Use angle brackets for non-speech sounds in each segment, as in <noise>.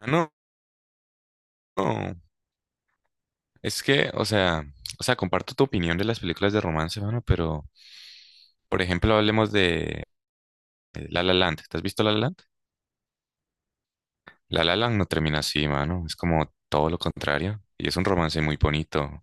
Ah, no, no. Es que, o sea, comparto tu opinión de las películas de romance, mano, pero, por ejemplo, hablemos de La La Land. ¿Te has visto La La Land? La La Land no termina así, mano. Es como todo lo contrario. Y es un romance muy bonito.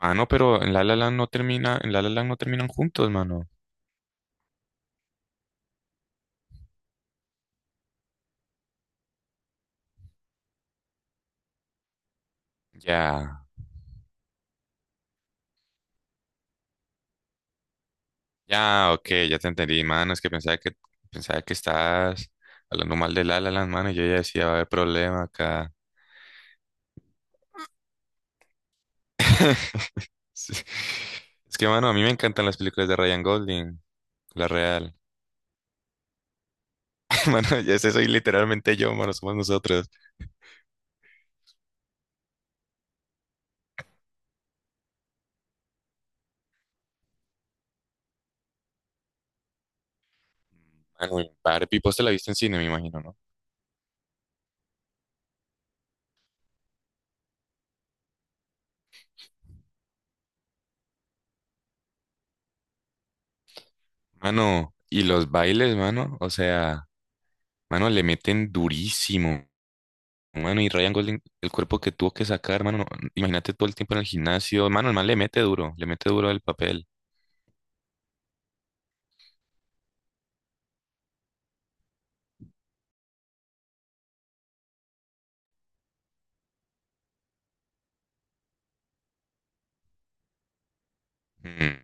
Mano, pero en La La Land no termina, en La La Land no terminan juntos, mano. Ya, ya, ok, ya te entendí, mano. Es que pensaba que estabas hablando mal de La La Land, mano, y yo ya decía, va a haber problema acá. <laughs> Sí. Es que, mano, a mí me encantan las películas de Ryan Golding, la real. <laughs> Mano, ya ese soy literalmente yo, mano, somos nosotros. Mano, y Barbie, vos te la viste en cine, me imagino, ¿no? Mano, y los bailes, mano, o sea, mano, le meten durísimo. Mano, y Ryan Golding, el cuerpo que tuvo que sacar, mano, imagínate todo el tiempo en el gimnasio. Mano, el man le mete duro al papel. Mm,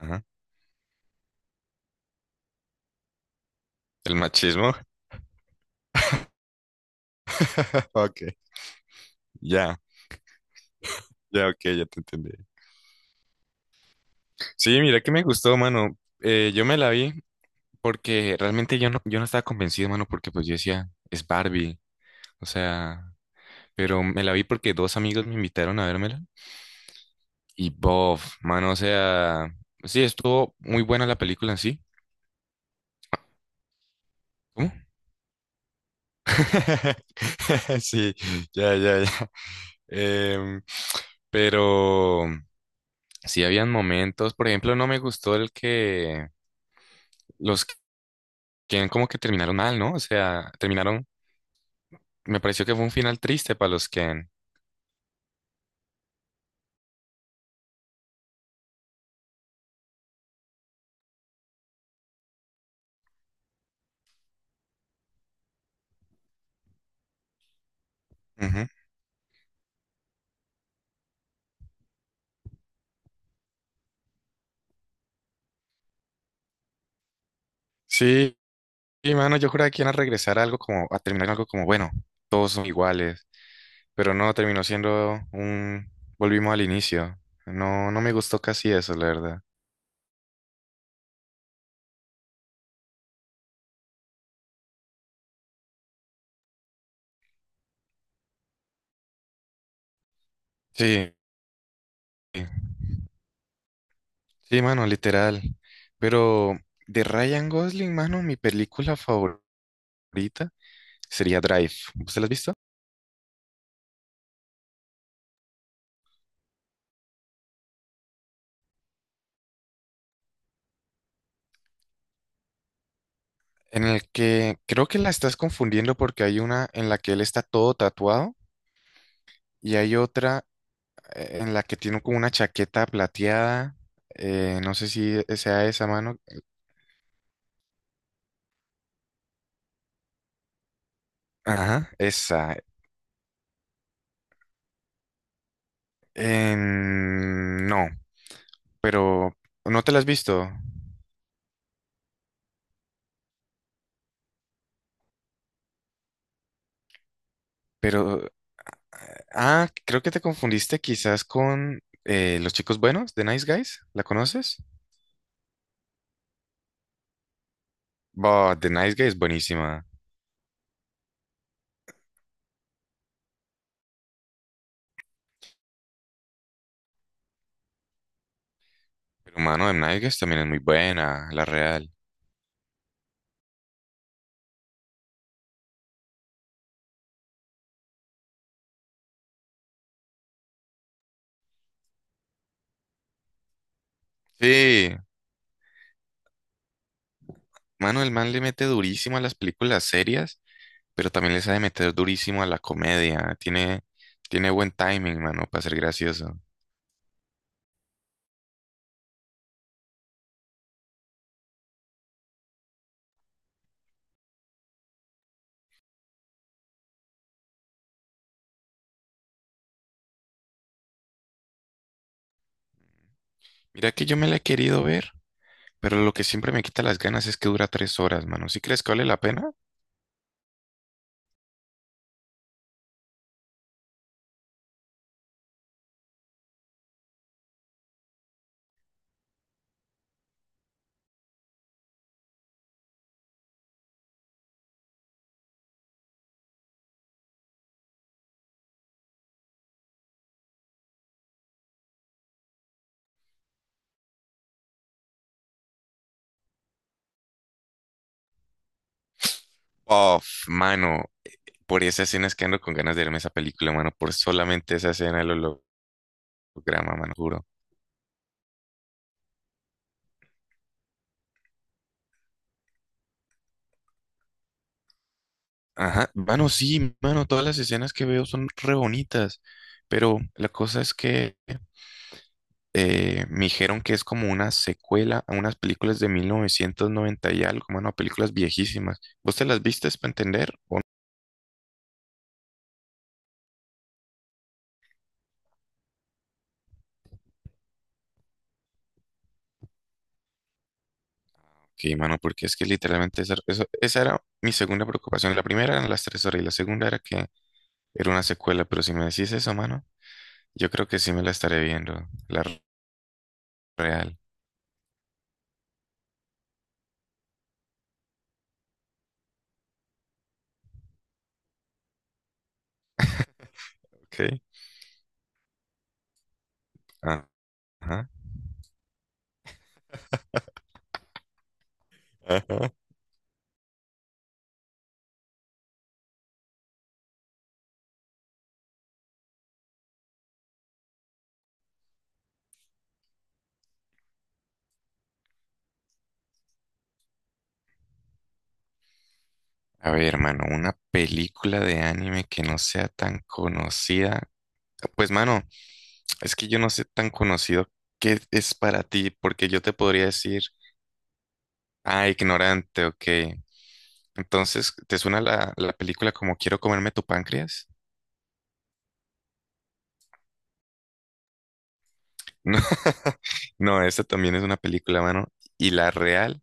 ajá. El machismo. <laughs> Ok, ya, ya, ok, ya te entendí. Sí, mira que me gustó, mano. Yo me la vi porque realmente yo no estaba convencido, mano, porque pues yo decía, es Barbie. O sea, pero me la vi porque dos amigos me invitaron a vérmela. Y bof, mano, o sea, sí, estuvo muy buena la película en sí. ¿Cómo? <laughs> Sí, ya, ya, ya. Em, pero sí habían momentos, por ejemplo, no me gustó el que los que como que terminaron mal, ¿no? O sea, terminaron. Me pareció que fue un final triste para los Ken. Ujú. Sí, y mano, yo juraba que iban a regresar a algo como, a terminar algo como, bueno, todos son iguales, pero no, terminó siendo un, volvimos al inicio. No, no me gustó casi eso, la verdad. Sí, sí, mano, literal. Pero de Ryan Gosling, mano, mi película favorita sería Drive. ¿Usted la has visto? En el que creo que la estás confundiendo porque hay una en la que él está todo tatuado y hay otra en la que tiene como una chaqueta plateada. No sé si sea esa mano. Ajá, esa. No, pero no te la has visto. Pero, ah, creo que te confundiste quizás con Los Chicos Buenos de Nice Guys. ¿La conoces? Bah, The Nice Guys es buenísima. Pero mano, The Nice Guys también es muy buena, la real. Sí, mano, el man le mete durísimo a las películas serias, pero también le sabe meter durísimo a la comedia. Tiene buen timing, mano, para ser gracioso. Mira que yo me la he querido ver, pero lo que siempre me quita las ganas es que dura tres horas, mano. ¿Sí crees que vale la pena? Uf, mano, por esa escena es que ando con ganas de verme esa película, mano, por solamente esa escena del holograma, mano, juro. Ajá, mano, sí, mano, todas las escenas que veo son re bonitas, pero la cosa es que me dijeron que es como una secuela a unas películas de 1990 y algo, mano, películas viejísimas. ¿Vos te las viste para entender o no? Ok, mano, porque es que literalmente esa era mi segunda preocupación. La primera eran las tres horas y la segunda era que era una secuela, pero si me decís eso, mano, yo creo que sí me la estaré viendo, la real. Ok. Ajá. Ajá. A ver, mano, una película de anime que no sea tan conocida. Pues, mano. Es que yo no sé tan conocido qué es para ti, porque yo te podría decir, ah, ignorante, ok. Entonces, ¿te suena la película como Quiero comerme tu páncreas? <laughs> No, no, esa también es una película, mano. Y la real,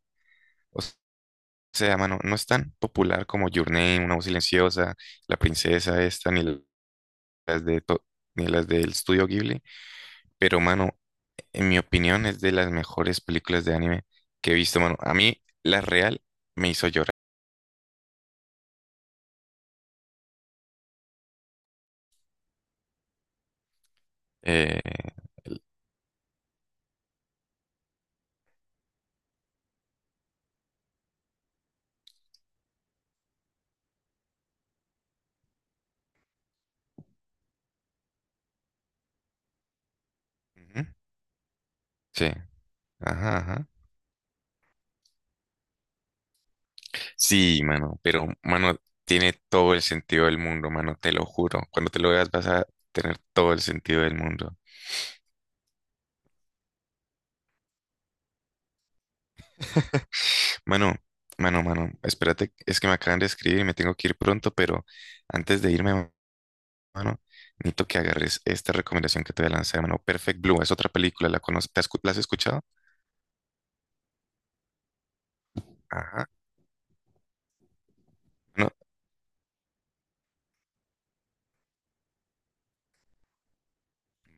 o sea, mano, no es tan popular como Your Name, Una voz silenciosa, La princesa esta, ni las de to- ni las del estudio Ghibli. Pero, mano, en mi opinión es de las mejores películas de anime que he visto, mano. A mí, la real me hizo llorar. Eh, ujú. Sí, ajá, ajá. Sí, mano, pero, mano, tiene todo el sentido del mundo, mano, te lo juro. Cuando te lo veas vas a tener todo el sentido del mundo. Mano, mano, mano, espérate, es que me acaban de escribir y me tengo que ir pronto, pero antes de irme, mano, necesito que agarres esta recomendación que te voy a lanzar, mano. Perfect Blue, es otra película, ¿la conoces? ¿La has escuchado? Ajá. No,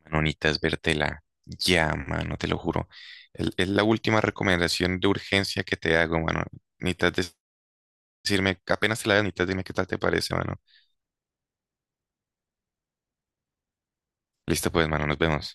mano, necesitas vértela. Ya, mano, te lo juro. Es la última recomendación de urgencia que te hago, mano. Necesitas decirme, apenas te la veas, mitad, dime qué tal te parece, mano. Listo, pues, mano, nos vemos.